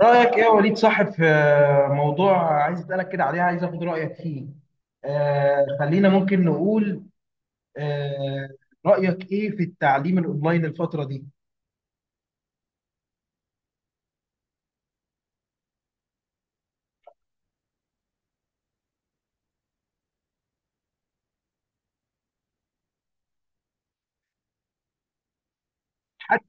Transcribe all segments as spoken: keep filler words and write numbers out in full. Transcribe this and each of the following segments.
رأيك ايه يا وليد صاحب في موضوع عايز اسألك كده عليه، عايز اخد رأيك فيه. آه خلينا ممكن نقول، آه رأيك ايه في التعليم الاونلاين الفترة دي؟ حت-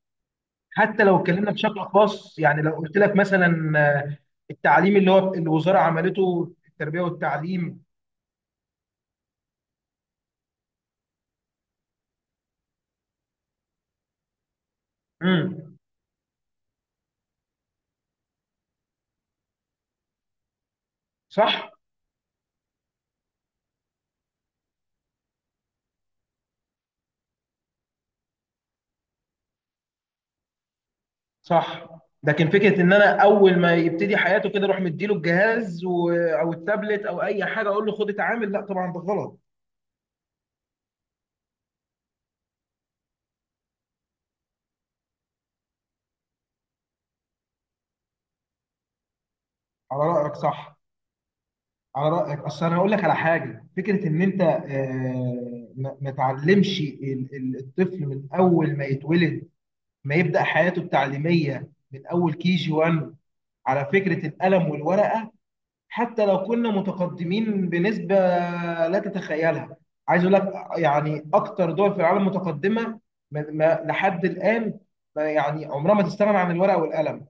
حتى لو اتكلمنا بشكل خاص، يعني لو قلت لك مثلا آه، التعليم اللي هو الوزارة عملته في التربية والتعليم. امم صح. صح، لكن فكرة ان انا اول ما يبتدي حياته كده اروح مديله الجهاز و- او التابلت او اي حاجة اقول له خد اتعامل، لا طبعا ده غلط. على رأيك صح. على رأيك، أصل أنا هقول لك على حاجة، فكرة إن أنت آه، ما ما تعلمش ال- ال- الطفل من أول ما يتولد، ما يبدأ حياته التعليمية من أول كي جي واحد على فكرة القلم والورقة. حتى لو كنا متقدمين بنسبة لا تتخيلها، عايز أقول لك يعني أكتر دول في العالم متقدمة ما- ما- لحد الآن ما، يعني عمرها ما تستغنى عن الورقة والقلم،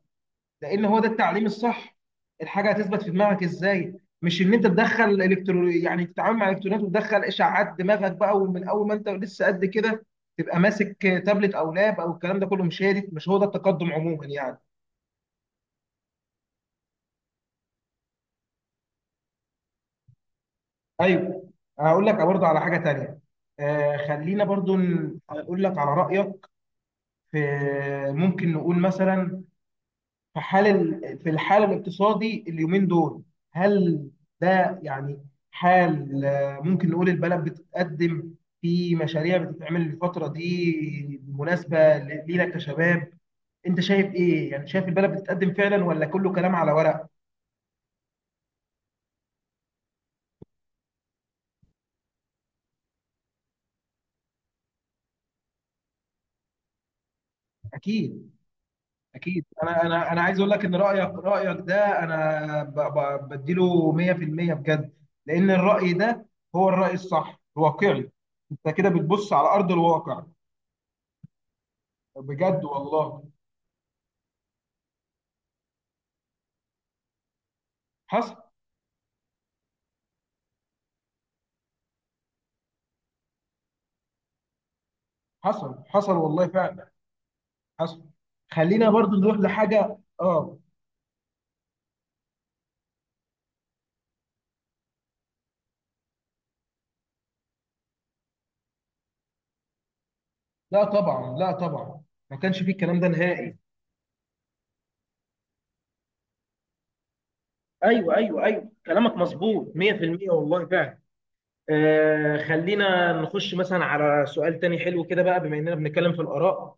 لان هو ده التعليم الصح. الحاجه هتثبت في دماغك ازاي؟ مش ان انت تدخل الكترو، يعني تتعامل مع الالكترونات وتدخل اشعاعات دماغك بقى، ومن اول ما انت لسه قد كده تبقى ماسك تابلت او لاب او الكلام ده كله، مش هي دي، مش هو ده التقدم عموما يعني. ايوه. هقول لك برضه على حاجه تانيه، آه خلينا برضه ن- اقول لك على رايك في، ممكن نقول مثلا، في حال ال- في الحال الاقتصادي اليومين دول، هل ده يعني حال، آه، ممكن نقول البلد بتتقدم، في مشاريع بتتعمل الفترة دي مناسبة ل- لينا كشباب؟ انت شايف ايه يعني، شايف البلد بتتقدم فعلا ولا كله كلام على ورق؟ اكيد. اكيد، انا انا انا عايز اقول لك ان رايك رايك ده انا ب- ب- بديله مية بالمية بجد، لان الراي ده هو الراي الصح الواقعي، انت كده بتبص على ارض الواقع. بجد والله. حصل. حصل حصل والله فعلا. حصل. خلينا برضو نروح لحاجه اه. لا طبعا، لا طبعا، ما كانش فيه الكلام ده نهائي. ايوه، ايوه، ايوه، كلامك مظبوط مية بالمية والله فعلا. آه خلينا نخش مثلا على سؤال تاني حلو كده بقى، بما اننا بنتكلم في الاراء،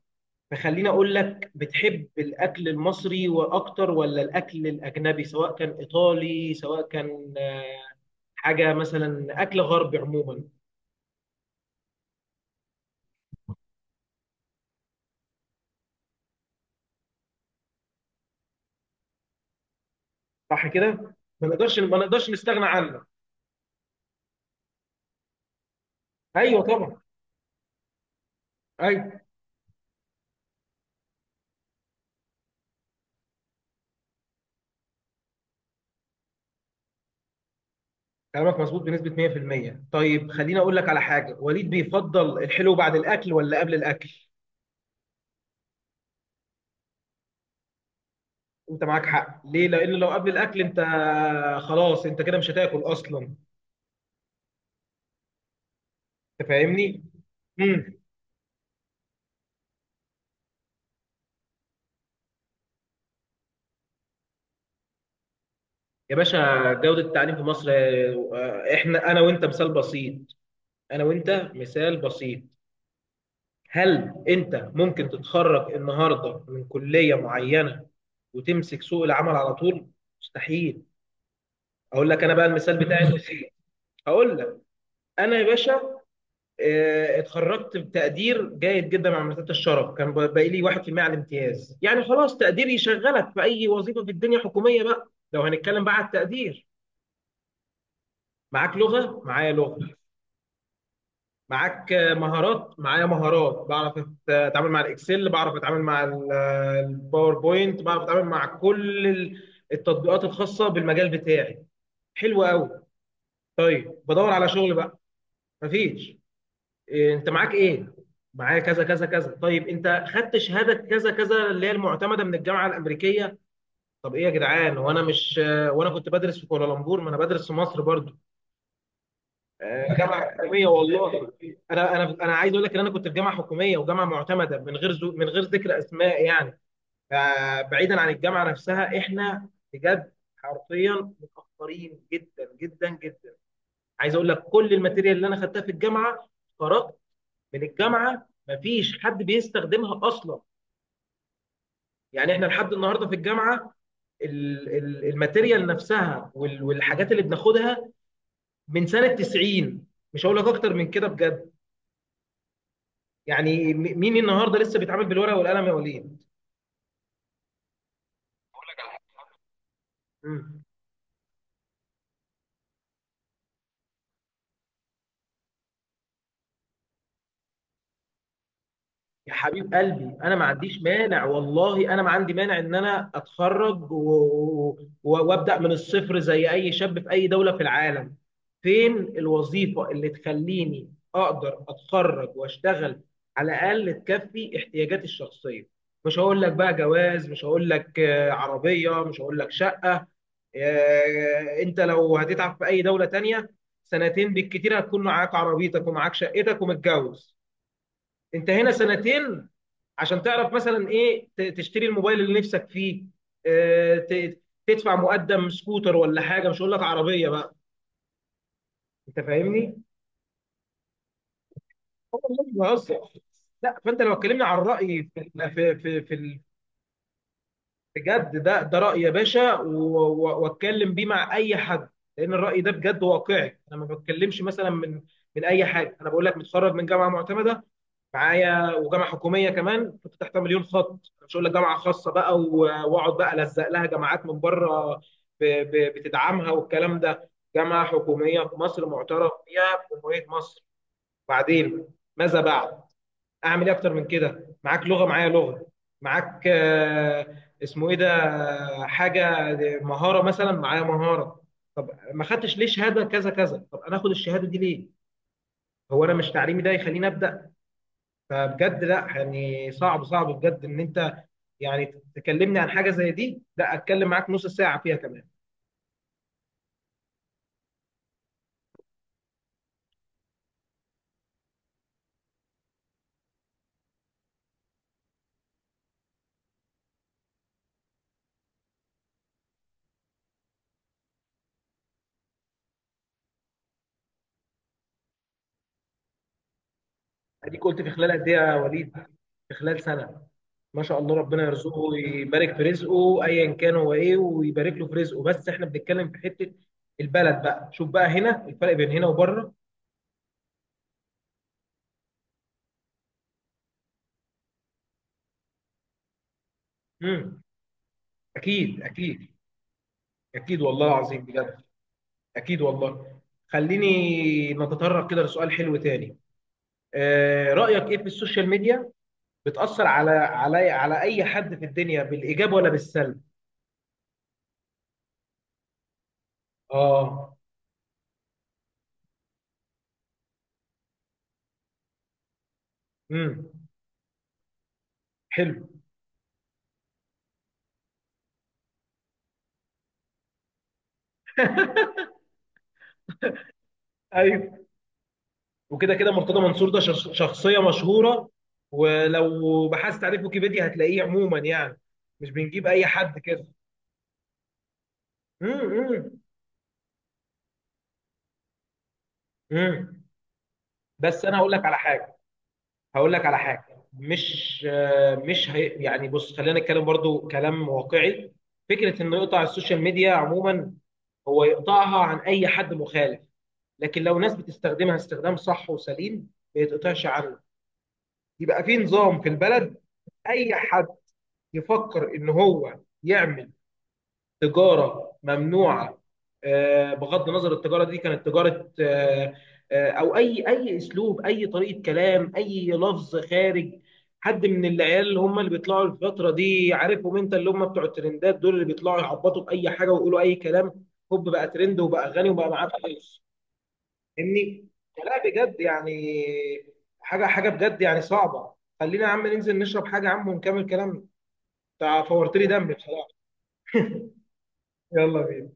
فخلينا اقول لك، بتحب الاكل المصري واكتر ولا الاكل الاجنبي، سواء كان ايطالي سواء كان آه، حاجه مثلا اكل غربي عموما؟ صح كده، ما نقدرش ما نقدرش نستغنى عنه. ايوه طبعا، ايوه. كلامك مظبوط بنسبة مية بالمية. طيب خليني اقول لك على حاجة، وليد بيفضل الحلو بعد الاكل ولا قبل الاكل؟ انت معاك حق، ليه؟ لان لو قبل الاكل، انت خلاص انت كده مش هتاكل اصلا، انت فاهمني. امم يا باشا جودة التعليم في مصر، آه، احنا انا وانت مثال بسيط. انا وانت مثال بسيط، هل انت ممكن تتخرج النهارده من كلية معينة وتمسك سوق العمل على طول؟ مستحيل. اقول لك انا بقى المثال بتاعي المثير، هقول لك، انا يا باشا آه، اتخرجت بتقدير جيد جدا مع مرتبة الشرف، كان باقي لي واحد بالمية على الامتياز، يعني خلاص تقدير يشغلك في اي وظيفة في الدنيا حكومية بقى، لو هنتكلم بقى على التقدير. معاك لغة معايا لغة، معاك آه، مهارات معايا مهارات، بعرف أت- اتعامل مع الاكسل، بعرف اتعامل مع ال- آه، الباوربوينت، بعرف اتعامل مع كل ال- التطبيقات الخاصة بالمجال بتاعي. حلو قوي، طيب بدور على شغل بقى، مفيش. إيه انت معاك ايه؟ معايا كذا كذا كذا. طيب انت خدت شهاده كذا كذا اللي هي المعتمده من الجامعه الامريكيه؟ طب ايه يا جدعان، وانا مش آه، وانا كنت بدرس في كوالالمبور، ما انا بدرس في مصر برضو، آه، جامعه حكوميه والله. انا انا انا عايز اقول لك ان انا كنت في جامعه حكوميه وجامعه معتمده، من غير زو من غير ذكر اسماء يعني. فبعيدا عن الجامعه نفسها، احنا بجد حرفيا متاخرين جدا جدا جدا. عايز اقول لك كل الماتيريال اللي انا خدتها في الجامعه، قرات من الجامعه، مفيش حد بيستخدمها اصلا. يعني احنا لحد النهارده في الجامعه ال- ال- الماتيريال نفسها وال- والحاجات اللي بناخدها من سنه تسعين، مش هقول لك اكتر من كده بجد. يعني م- مين النهارده لسه بيتعامل بالورقه والقلم يا وليد؟ مم. يا حبيب قلبي، انا ما عنديش مانع والله، انا ما عندي مانع ان انا اتخرج و... و... وابدا من الصفر زي اي شاب في اي دوله في العالم. فين الوظيفه اللي تخليني اقدر اتخرج واشتغل، على الاقل تكفي احتياجاتي الشخصيه. مش هقول لك بقى جواز، مش هقول لك آه، عربيه، مش هقول لك شقه. آه، انت لو هتتعب في اي دوله تانية سنتين بالكتير، هتكون معاك عربيتك ومعاك شقتك ومتجوز. انت هنا سنتين عشان تعرف مثلا ايه، ت- تشتري الموبايل اللي نفسك فيه، آه، ت- تدفع مقدم سكوتر ولا حاجه، مش هقول لك عربيه بقى. انت فاهمني؟ مش بهزر. لا، فانت لو اتكلمنا عن الراي في في في في ال- بجد ده ده راي يا باشا، و- و- واتكلم بيه مع اي حد، لان الراي ده بجد واقعي. انا ما بتكلمش مثلا من من اي حاجه، انا بقول لك متخرج من جامعه معتمده معايا، وجامعه حكوميه كمان كنت تحتها مليون خط، مش هقول لك جامعه خاصه بقى و- واقعد بقى الزق لها جامعات من بره ب- ب- بتدعمها والكلام ده. جامعه حكوميه في مصر معترف بيها في جمهوريه مصر. بعدين ماذا بعد؟ اعمل ايه اكتر من كده؟ معاك لغه معايا لغه، معاك آه، اسمه ايه ده، حاجه، مهاره مثلا، معايا مهاره. طب ما خدتش ليه شهاده كذا كذا؟ طب انا اخد الشهاده دي ليه؟ هو انا مش تعليمي ده يخليني ابدا؟ فبجد لا، يعني صعب، صعب بجد ان انت يعني تكلمني عن حاجه زي دي، لا اتكلم معاك نص ساعه فيها كمان. اديك قلت في خلال قد ايه يا وليد؟ في خلال سنه. ما شاء الله، ربنا يرزقه ويبارك في رزقه ايا كان هو ايه، ويبارك له في رزقه، بس احنا بنتكلم في حته البلد بقى، شوف بقى هنا الفرق بين هنا وبره. امم اكيد، اكيد. اكيد والله العظيم بجد. اكيد والله. خليني نتطرق كده لسؤال حلو تاني، آه رايك ايه في السوشيال ميديا؟ بتأثر على علي على أي حد في الدنيا بالإيجاب ولا بالسلب؟ اه. امم حلو. ايوه، وكده كده مرتضى منصور ده شخص- شخصية مشهورة، ولو بحثت عليه في ويكيبيديا هتلاقيه، عموما يعني مش بنجيب أي حد كده. امم. امم، بس أنا هقول لك على حاجة، هقول لك على حاجة، مش آه، مش هي يعني، بص خلينا نتكلم برضو كلام واقعي. فكرة إنه يقطع السوشيال ميديا عموما، هو يقطعها عن اي حد مخالف، لكن لو ناس بتستخدمها استخدام صح وسليم ما يتقطعش عنه. يبقى في نظام في البلد. اي حد يفكر ان هو يعمل تجاره ممنوعه، آه، بغض النظر التجاره دي كانت تجاره آه، آه، او اي اي اسلوب، اي طريقه كلام، اي لفظ خارج، حد من العيال اللي هم اللي بيطلعوا الفتره دي، عارفهم انت اللي هم بتوع الترندات دول، اللي بيطلعوا يعبطوا باي حاجه ويقولوا اي كلام، هوب بقى ترند وبقى غني وبقى معاه فلوس، فاهمني؟ فلا بجد يعني، حاجه حاجه بجد يعني صعبه. خلينا يا عم ننزل نشرب حاجه يا عم ونكمل كلام، انت فورت لي دمي بصراحه. يلا بينا.